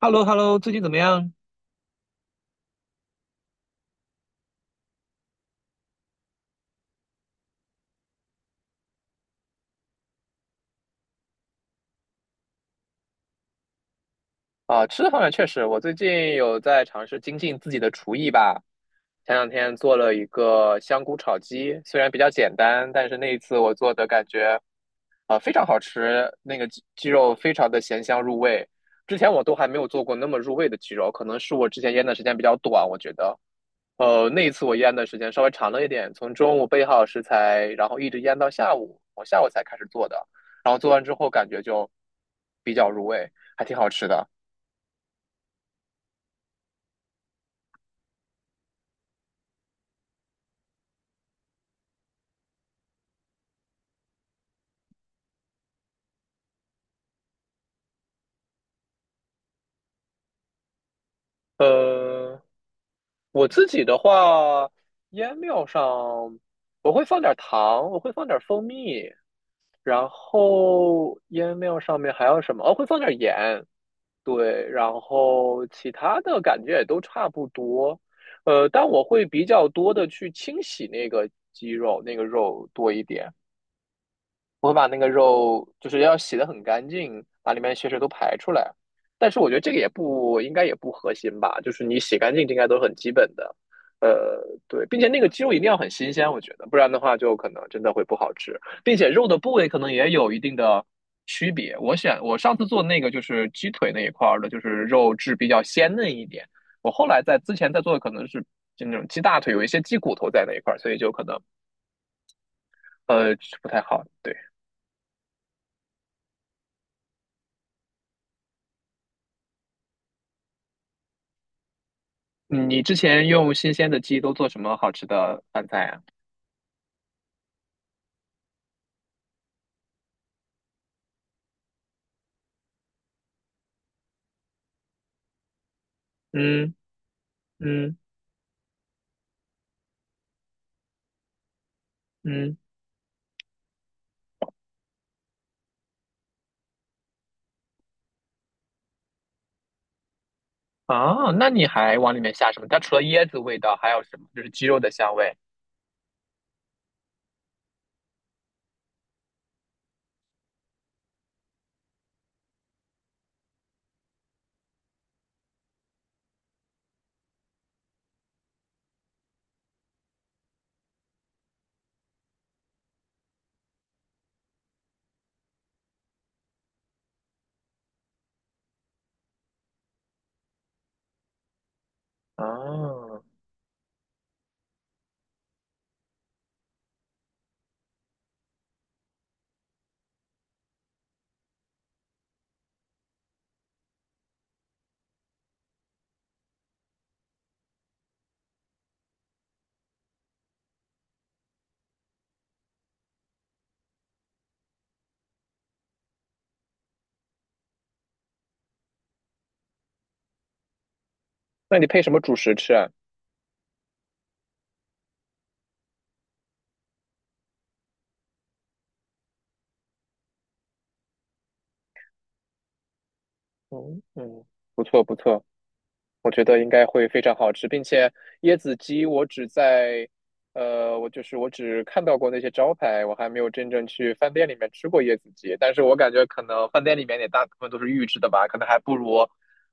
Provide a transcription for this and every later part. h e l l o h e l l o 最近怎么样？啊，吃的方面确实，我最近有在尝试精进自己的厨艺吧。前两天做了一个香菇炒鸡，虽然比较简单，但是那一次我做的感觉非常好吃，那个鸡肉非常的咸香入味。之前我都还没有做过那么入味的鸡肉，可能是我之前腌的时间比较短，我觉得。那一次我腌的时间稍微长了一点，从中午备好食材，然后一直腌到下午，我下午才开始做的。然后做完之后感觉就比较入味，还挺好吃的。呃，我自己的话，腌料上我会放点糖，我会放点蜂蜜，然后腌料上面还有什么？哦，会放点盐，对，然后其他的感觉也都差不多，但我会比较多的去清洗那个鸡肉，那个肉多一点，我会把那个肉就是要洗得很干净，把里面的血水都排出来。但是我觉得这个也不应该也不核心吧，就是你洗干净这应该都是很基本的。呃，对，并且那个鸡肉一定要很新鲜，我觉得，不然的话就可能真的会不好吃，并且肉的部位可能也有一定的区别。我选我上次做那个就是鸡腿那一块儿的，就是肉质比较鲜嫩一点。我后来在之前在做的可能是就那种鸡大腿，有一些鸡骨头在那一块儿，所以就可能呃不太好。对。嗯你之前用新鲜的鸡都做什么好吃的饭菜啊？嗯嗯嗯，啊，那你还往里面下什么？它除了椰子味道，还有什么？就是鸡肉的香味。啊，那你配什么主食吃啊？嗯嗯，不错不错。我觉得应该会非常好吃，并且椰子鸡我只在，呃，我就是我只看到过那些招牌，我还没有真正去饭店里面吃过椰子鸡。但是我感觉可能饭店里面也大部分都是预制的吧，可能还不如，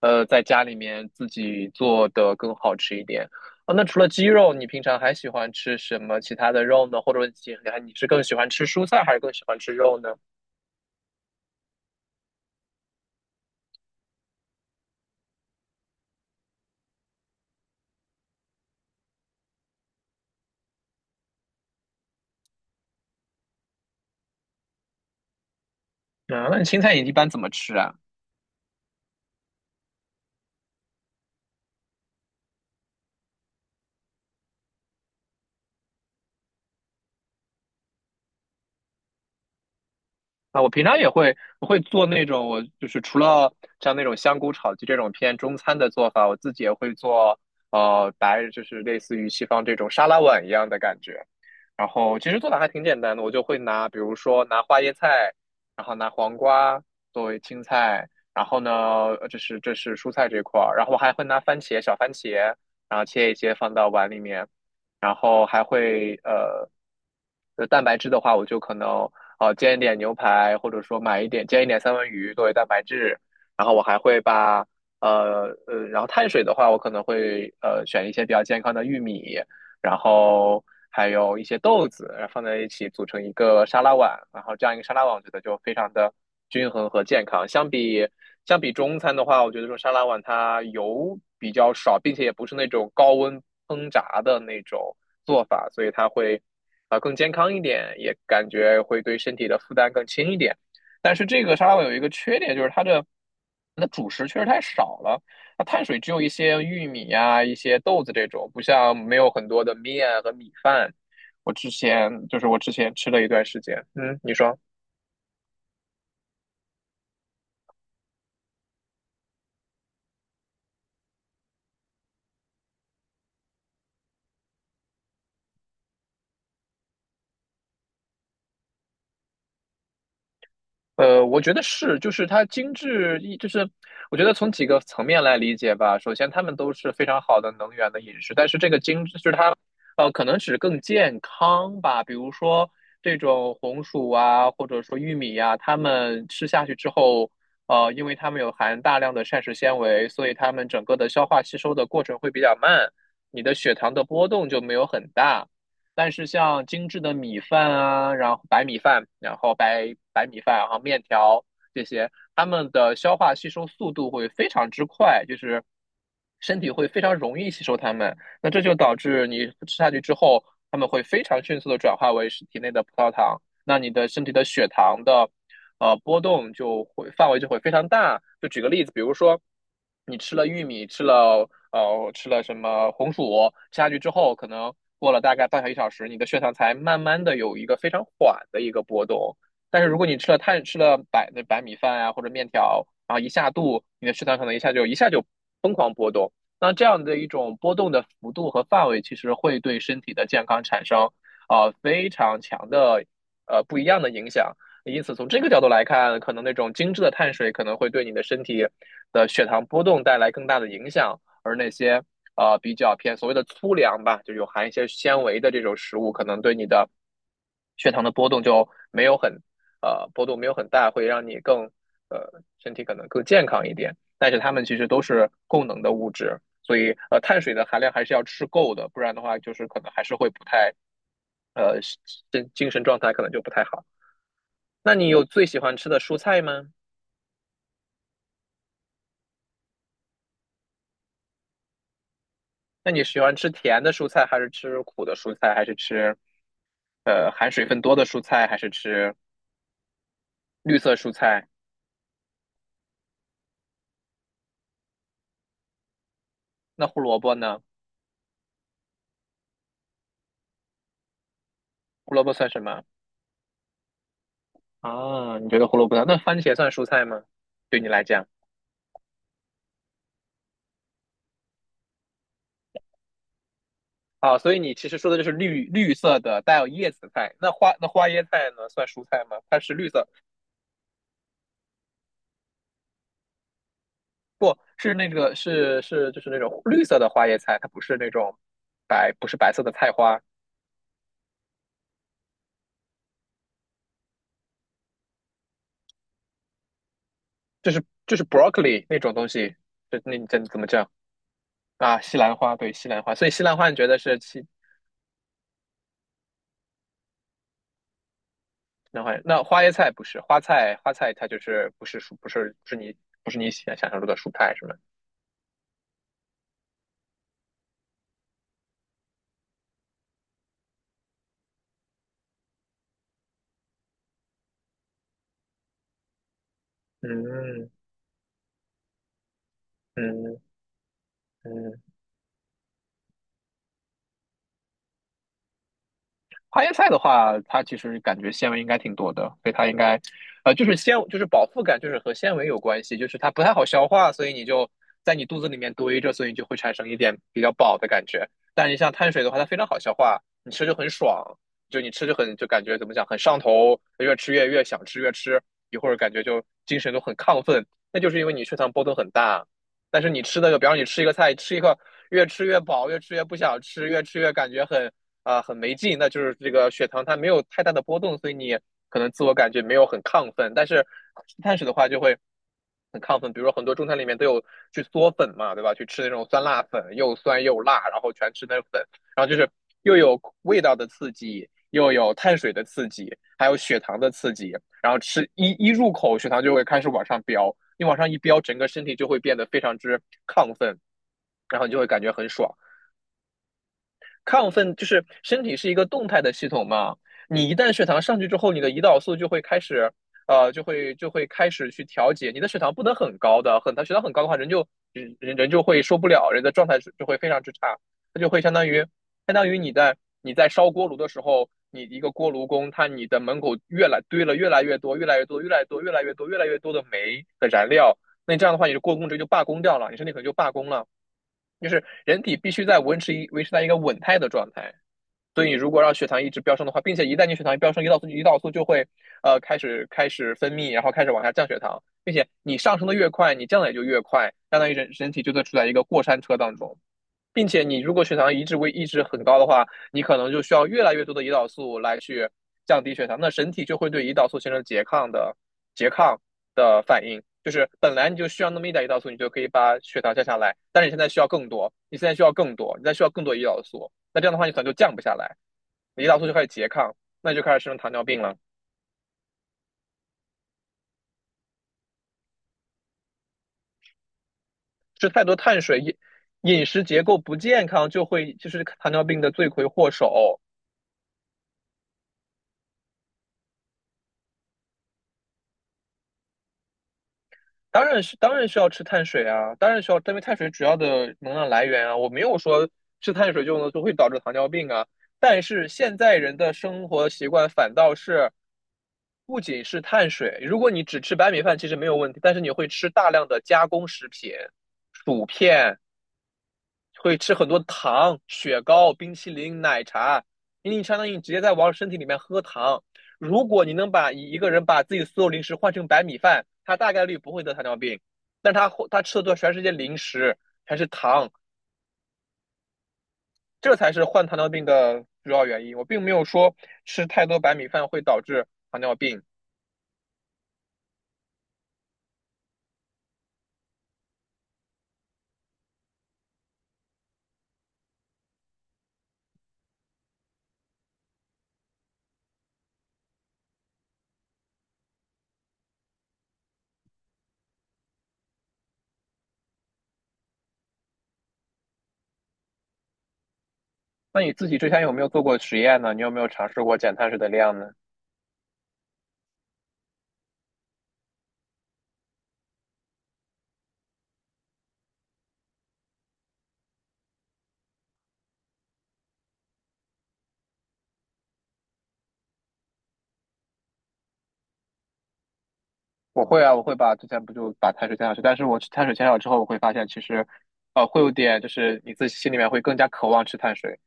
在家里面自己做的更好吃一点。哦，那除了鸡肉，你平常还喜欢吃什么其他的肉呢？或者你是更喜欢吃蔬菜，还是更喜欢吃肉呢？嗯，那你青菜你一般怎么吃啊？啊，我平常也会我会做那种，我就是除了像那种香菇炒鸡这种偏中餐的做法，我自己也会做，就是类似于西方这种沙拉碗一样的感觉。然后其实做法还挺简单的，我就会拿，比如说拿花椰菜，然后拿黄瓜作为青菜，然后呢，这是蔬菜这块儿，然后我还会拿番茄小番茄，然后切一切放到碗里面，然后还会就蛋白质的话，我就可能煎一点牛排，或者说买一点煎一点三文鱼作为蛋白质。然后我还会把呃呃，然后碳水的话，我可能会选一些比较健康的玉米，然后还有一些豆子，然后放在一起组成一个沙拉碗，然后这样一个沙拉碗，我觉得就非常的均衡和健康。相比中餐的话，我觉得这种沙拉碗它油比较少，并且也不是那种高温烹炸的那种做法，所以它会更健康一点，也感觉会对身体的负担更轻一点。但是这个沙拉碗有一个缺点，就是它的主食确实太少了，那碳水只有一些玉米呀、一些豆子这种，不像没有很多的面和米饭。我之前吃了一段时间，嗯，你说？我觉得是，就是它精致一，就是我觉得从几个层面来理解吧。首先，它们都是非常好的能源的饮食，但是这个精致就是它，可能只更健康吧。比如说这种红薯啊，或者说玉米呀、它们吃下去之后，因为它们有含大量的膳食纤维，所以它们整个的消化吸收的过程会比较慢，你的血糖的波动就没有很大。但是像精致的米饭啊，然后白米饭，然后白米饭，然后面条这些，它们的消化吸收速度会非常之快，就是身体会非常容易吸收它们。那这就导致你吃下去之后，它们会非常迅速的转化为体内的葡萄糖，那你的身体的血糖的波动就会范围就会非常大。就举个例子，比如说你吃了玉米，吃了什么红薯吃下去之后，可能过了大概半小时一小时，你的血糖才慢慢的有一个非常缓的一个波动。但是如果你吃了白米饭啊或者面条，然后一下肚，你的血糖可能一下就疯狂波动。那这样的一种波动的幅度和范围，其实会对身体的健康产生非常强的不一样的影响。因此，从这个角度来看，可能那种精致的碳水可能会对你的身体的血糖波动带来更大的影响。而那些比较偏所谓的粗粮吧，就有含一些纤维的这种食物，可能对你的血糖的波动就没有很呃波动没有很大，会让你呃身体可能更健康一点。但是它们其实都是供能的物质，所以碳水的含量还是要吃够的，不然的话就是可能还是会不太呃精神状态可能就不太好。那你有最喜欢吃的蔬菜吗？那你喜欢吃甜的蔬菜，还是吃苦的蔬菜，还是吃含水分多的蔬菜，还是吃绿色蔬菜？那胡萝卜呢？胡萝卜算什么啊？你觉得胡萝卜算那番茄算蔬菜吗？对你来讲，啊，所以你其实说的就是绿色的带有叶子的菜。那花椰菜呢，算蔬菜吗？它是绿色，不是那个就是那种绿色的花椰菜，它不是那种白不是白色的菜花，就是 broccoli 那种东西，你怎么叫？啊，西兰花，对，西兰花，所以西兰花你觉得是西兰花？那花椰菜不是花菜，花菜它就是不是你想象中的蔬菜是吗？嗯嗯嗯，花椰菜的话，它其实感觉纤维应该挺多的，所以它应该，就是纤，就是饱腹感，就是和纤维有关系，就是它不太好消化，所以你就在你肚子里面堆着，所以你就会产生一点比较饱的感觉。但你像碳水的话，它非常好消化，你吃就很爽，就你吃就很就感觉怎么讲，很上头，越吃越想吃越吃，一会儿感觉就精神都很亢奋，那就是因为你血糖波动很大。但是你吃的，个，比方说你吃一个菜，吃一个越吃越饱，越吃越不想吃，越吃越感觉很很没劲，那就是这个血糖它没有太大的波动，所以你可能自我感觉没有很亢奋。但是碳水的话就会很亢奋，比如说很多中餐里面都有去嗦粉嘛，对吧？去吃那种酸辣粉，又酸又辣，然后全吃那粉，然后就是又有味道的刺激，又有碳水的刺激，还有血糖的刺激，然后吃一入口，血糖就会开始往上飙，你往上一飙，整个身体就会变得非常之亢奋，然后你就会感觉很爽。亢奋就是身体是一个动态的系统嘛，你一旦血糖上去之后，你的胰岛素就会开始，就会开始去调节，你的血糖不能很高的，很血糖很高的话，人就会受不了，人的状态就会非常之差，它就会相当于你在烧锅炉的时候，你一个锅炉工，他你的门口越来堆了越来越多、越来越多、越来越多、越来越多、越来越多的煤的燃料，那这样的话，你的锅工直接就罢工掉了，你身体可能就罢工了。就是人体必须在维持在一个稳态的状态。所以你如果让血糖一直飙升的话，并且一旦你血糖飙升，胰岛素就会开始分泌，然后开始往下降血糖，并且你上升的越快，你降的也就越快，相当于人体就在处在一个过山车当中。并且你如果血糖一直会一直很高的话，你可能就需要越来越多的胰岛素来去降低血糖，那身体就会对胰岛素形成拮抗的反应，就是本来你就需要那么一点胰岛素，你就可以把血糖降下来，但是你现在需要更多，你现在需要更多，你再需要更多胰岛素，那这样的话你可能就降不下来，胰岛素就开始拮抗，那你就开始生成糖尿病了。吃太多碳水，饮食结构不健康就会就是糖尿病的罪魁祸首。当然是当然需要吃碳水啊，当然需要，因为碳水主要的能量来源啊，我没有说吃碳水就能就会导致糖尿病啊。但是现在人的生活习惯反倒是不仅是碳水，如果你只吃白米饭其实没有问题，但是你会吃大量的加工食品、薯片，会吃很多糖、雪糕、冰淇淋、奶茶，因为你相当于直接在往身体里面喝糖。如果你能把一个人把自己所有零食换成白米饭，他大概率不会得糖尿病，但他吃的都全是些零食，全是糖，这才是患糖尿病的主要原因。我并没有说吃太多白米饭会导致糖尿病。那你自己之前有没有做过实验呢？你有没有尝试过减碳水的量呢？我会啊，我会把之前不就把碳水减少去，但是我吃碳水减少之后，我会发现其实，会有点就是你自己心里面会更加渴望吃碳水，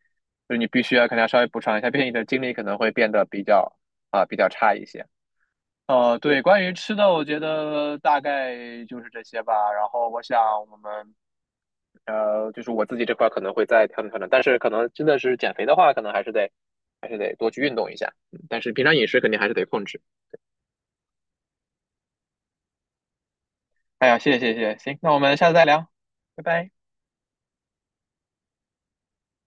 就是你必须要肯定要稍微补偿一下，毕竟你的精力可能会变得比较比较差一些。对，关于吃的，我觉得大概就是这些吧。然后我想我们就是我自己这块可能会再调整调整，但是可能真的是减肥的话，可能还是得还是得多去运动一下，嗯但是平常饮食肯定还是得控制。哎呀，谢谢谢谢，行，那我们下次再聊，拜拜。